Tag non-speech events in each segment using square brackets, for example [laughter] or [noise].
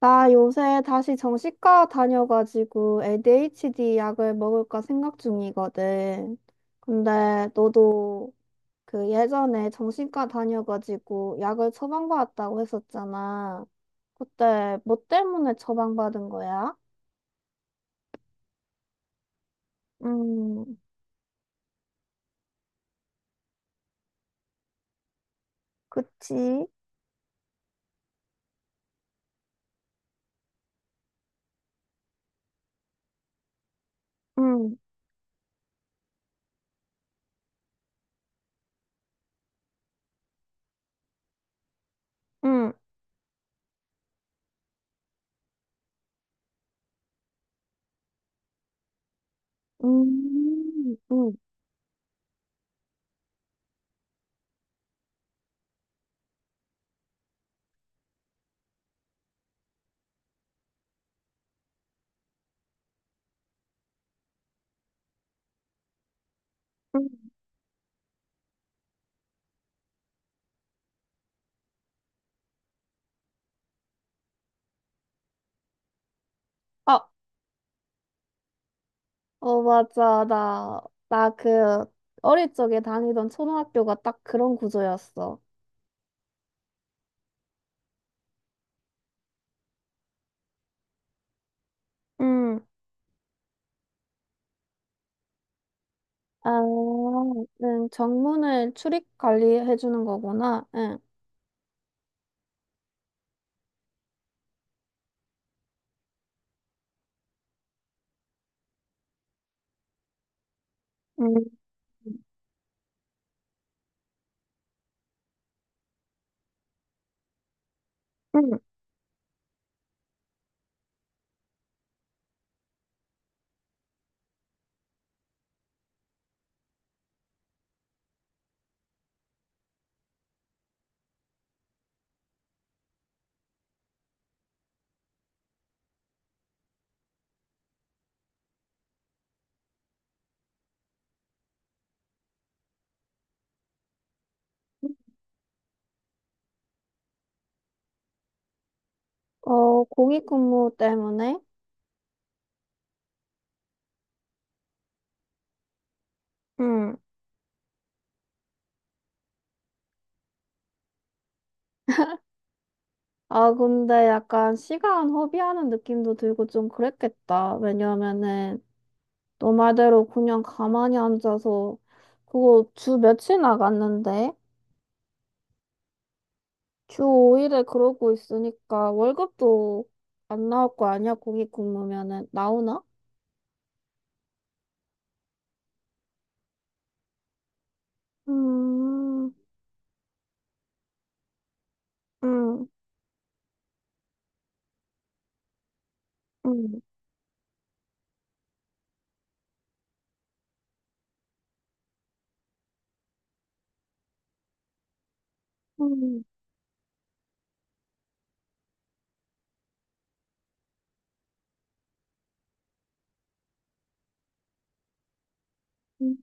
나 요새 다시 정신과 다녀가지고 ADHD 약을 먹을까 생각 중이거든. 근데 너도 그 예전에 정신과 다녀가지고 약을 처방받았다고 했었잖아. 그때 뭐 때문에 처방받은 거야? 음, 그치. 응, 응, 응, 응. 아, 어, 맞아. 나 그 어릴 적에 다니던 초등학교가 딱 그런 구조였어. 응. 아, 응, 정문을 출입 관리해 주는 거구나. 응. 음, 음, 어, 공익근무 때문에? 응. 아, 근데 약간 시간 허비하는 느낌도 들고 좀 그랬겠다. 왜냐면은 너 말대로 그냥 가만히 앉아서 그거 주 며칠 나갔는데 주 5일에 그러고 있으니까 월급도 안 나올 거 아니야? 공익근무면은 나오나? 음, 음, 음, 음. 음.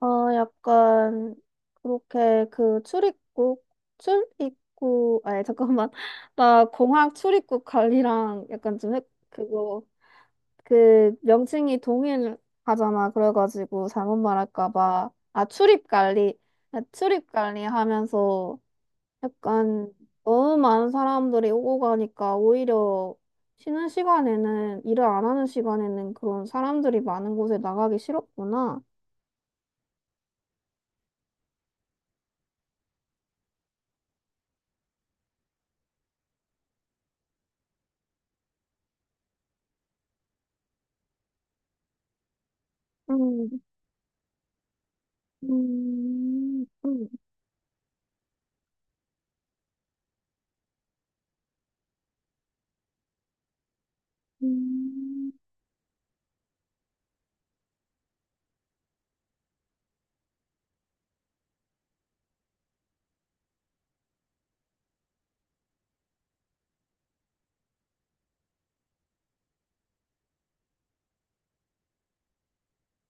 어, 약간, 그렇게 그 출입국, 아니, 잠깐만. [laughs] 나 공항 출입국 관리랑 약간 좀, 그거, 그 명칭이 동일하잖아. 그래가지고 잘못 말할까봐. 아, 출입 관리. 아, 출입 관리 하면서 약간 너무 많은 사람들이 오고 가니까 오히려 쉬는 시간에는, 일을 안 하는 시간에는 그런 사람들이 많은 곳에 나가기 싫었구나. 음, 음, 음, 음.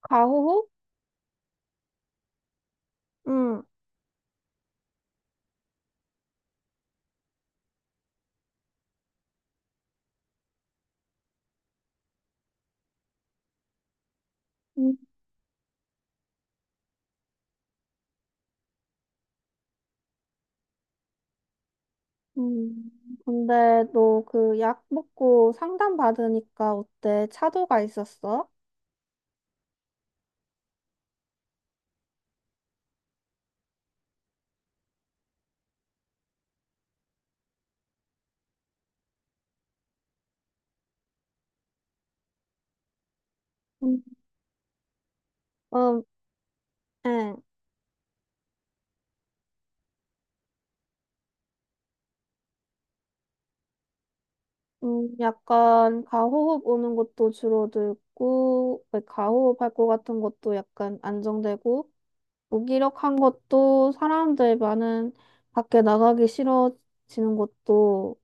가호호? 응, 음, 음. 근데 너 그 약 먹고 상담 받으니까 어때? 차도가 있었어? 음, 음, 예. 약간 가호흡 오는 것도 줄어들고, 왜 가호흡 할 것 같은 것도 약간 안정되고, 무기력한 것도 사람들 많은 밖에 나가기 싫어지는 것도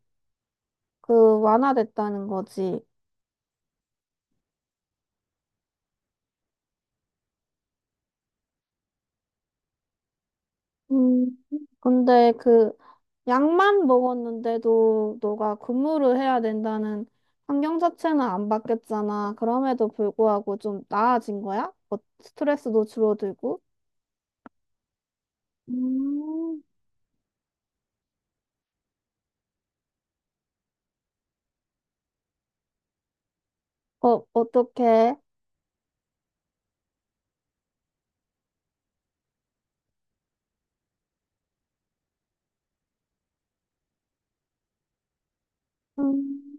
그 완화됐다는 거지. 음, 근데 그 약만 먹었는데도 너가 근무를 해야 된다는 환경 자체는 안 바뀌었잖아. 그럼에도 불구하고 좀 나아진 거야? 어, 스트레스도 줄어들고? 음, 어, 어떡해? 음,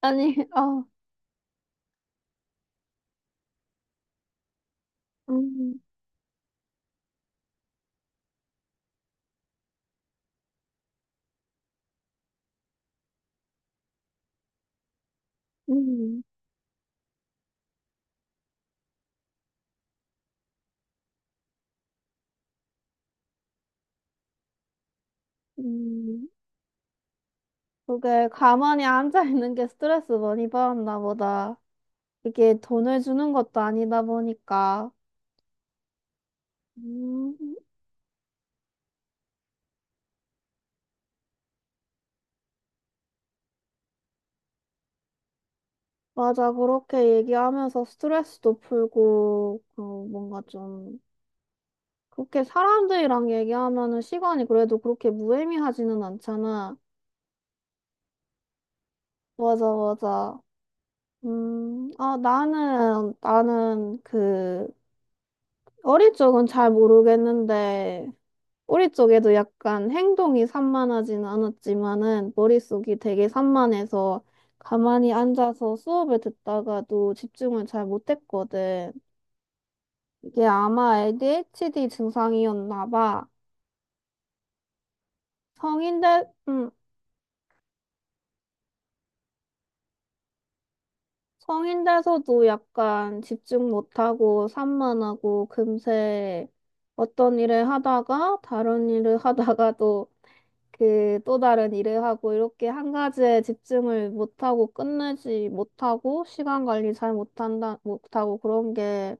아니, 어, 음, 음, 음. 그게 가만히 앉아 있는 게 스트레스 많이 받았나 보다. 이게 돈을 주는 것도 아니다 보니까. 음. 맞아, 그렇게 얘기하면서 스트레스도 풀고, 그, 뭔가 좀, 그렇게 사람들이랑 얘기하면은 시간이 그래도 그렇게 무의미하지는 않잖아. 맞아, 맞아. 아, 나는 그, 어릴 적은 잘 모르겠는데, 우리 쪽에도 약간 행동이 산만하지는 않았지만은, 머릿속이 되게 산만해서, 가만히 앉아서 수업을 듣다가도 집중을 잘 못했거든. 이게 아마 ADHD 증상이었나 봐. 성인 돼, 음, 성인 돼서도 약간 집중 못하고 산만하고 금세 어떤 일을 하다가 다른 일을 하다가도 그 또 다른 일을 하고 이렇게 한 가지에 집중을 못하고 끝내지 못하고 시간 관리 잘 못하고 그런 게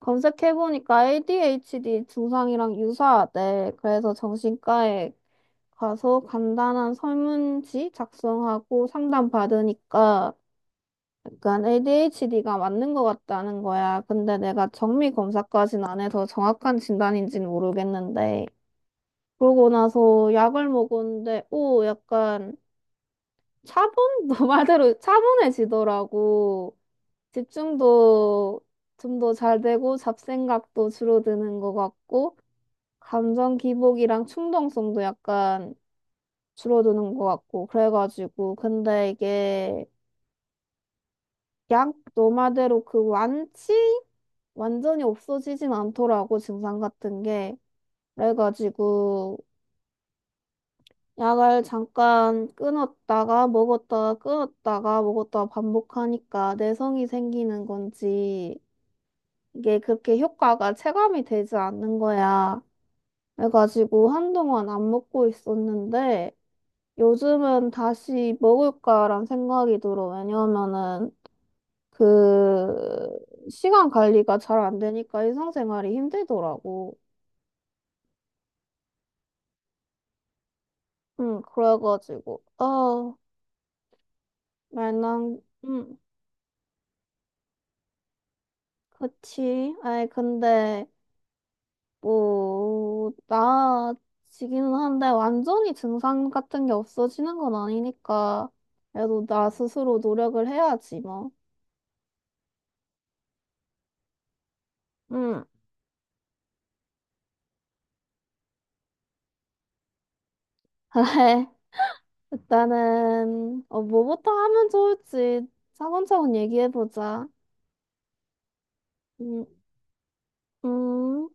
검색해보니까 ADHD 증상이랑 유사하대. 그래서 정신과에 가서 간단한 설문지 작성하고 상담 받으니까 약간 ADHD가 맞는 것 같다는 거야. 근데 내가 정밀 검사까지는 안 해서 정확한 진단인지는 모르겠는데. 그러고 나서 약을 먹었는데, 오, 약간 차분? [laughs] 너 말대로 차분해지더라고. 집중도 좀 더 잘 되고 잡생각도 줄어드는 것 같고, 감정 기복이랑 충동성도 약간 줄어드는 것 같고 그래가지고 근데 이게 약 너마대로 그 완치 완전히 없어지진 않더라고 증상 같은 게. 그래가지고 약을 잠깐 끊었다가 먹었다가 끊었다가 먹었다가 반복하니까 내성이 생기는 건지 이게 그렇게 효과가 체감이 되지 않는 거야. 그래가지고 한동안 안 먹고 있었는데 요즘은 다시 먹을까란 생각이 들어. 왜냐면은 그 시간 관리가 잘 안 되니까 일상생활이 힘들더라고. 응, 그래가지고 어 말랑 응 그치. 아이 근데 뭐 나아지기는 한데 완전히 증상 같은 게 없어지는 건 아니니까 그래도 나 스스로 노력을 해야지 뭐. 응. [laughs] 그래. 일단은 어 뭐부터 하면 좋을지 차근차근 얘기해보자. 음, 음.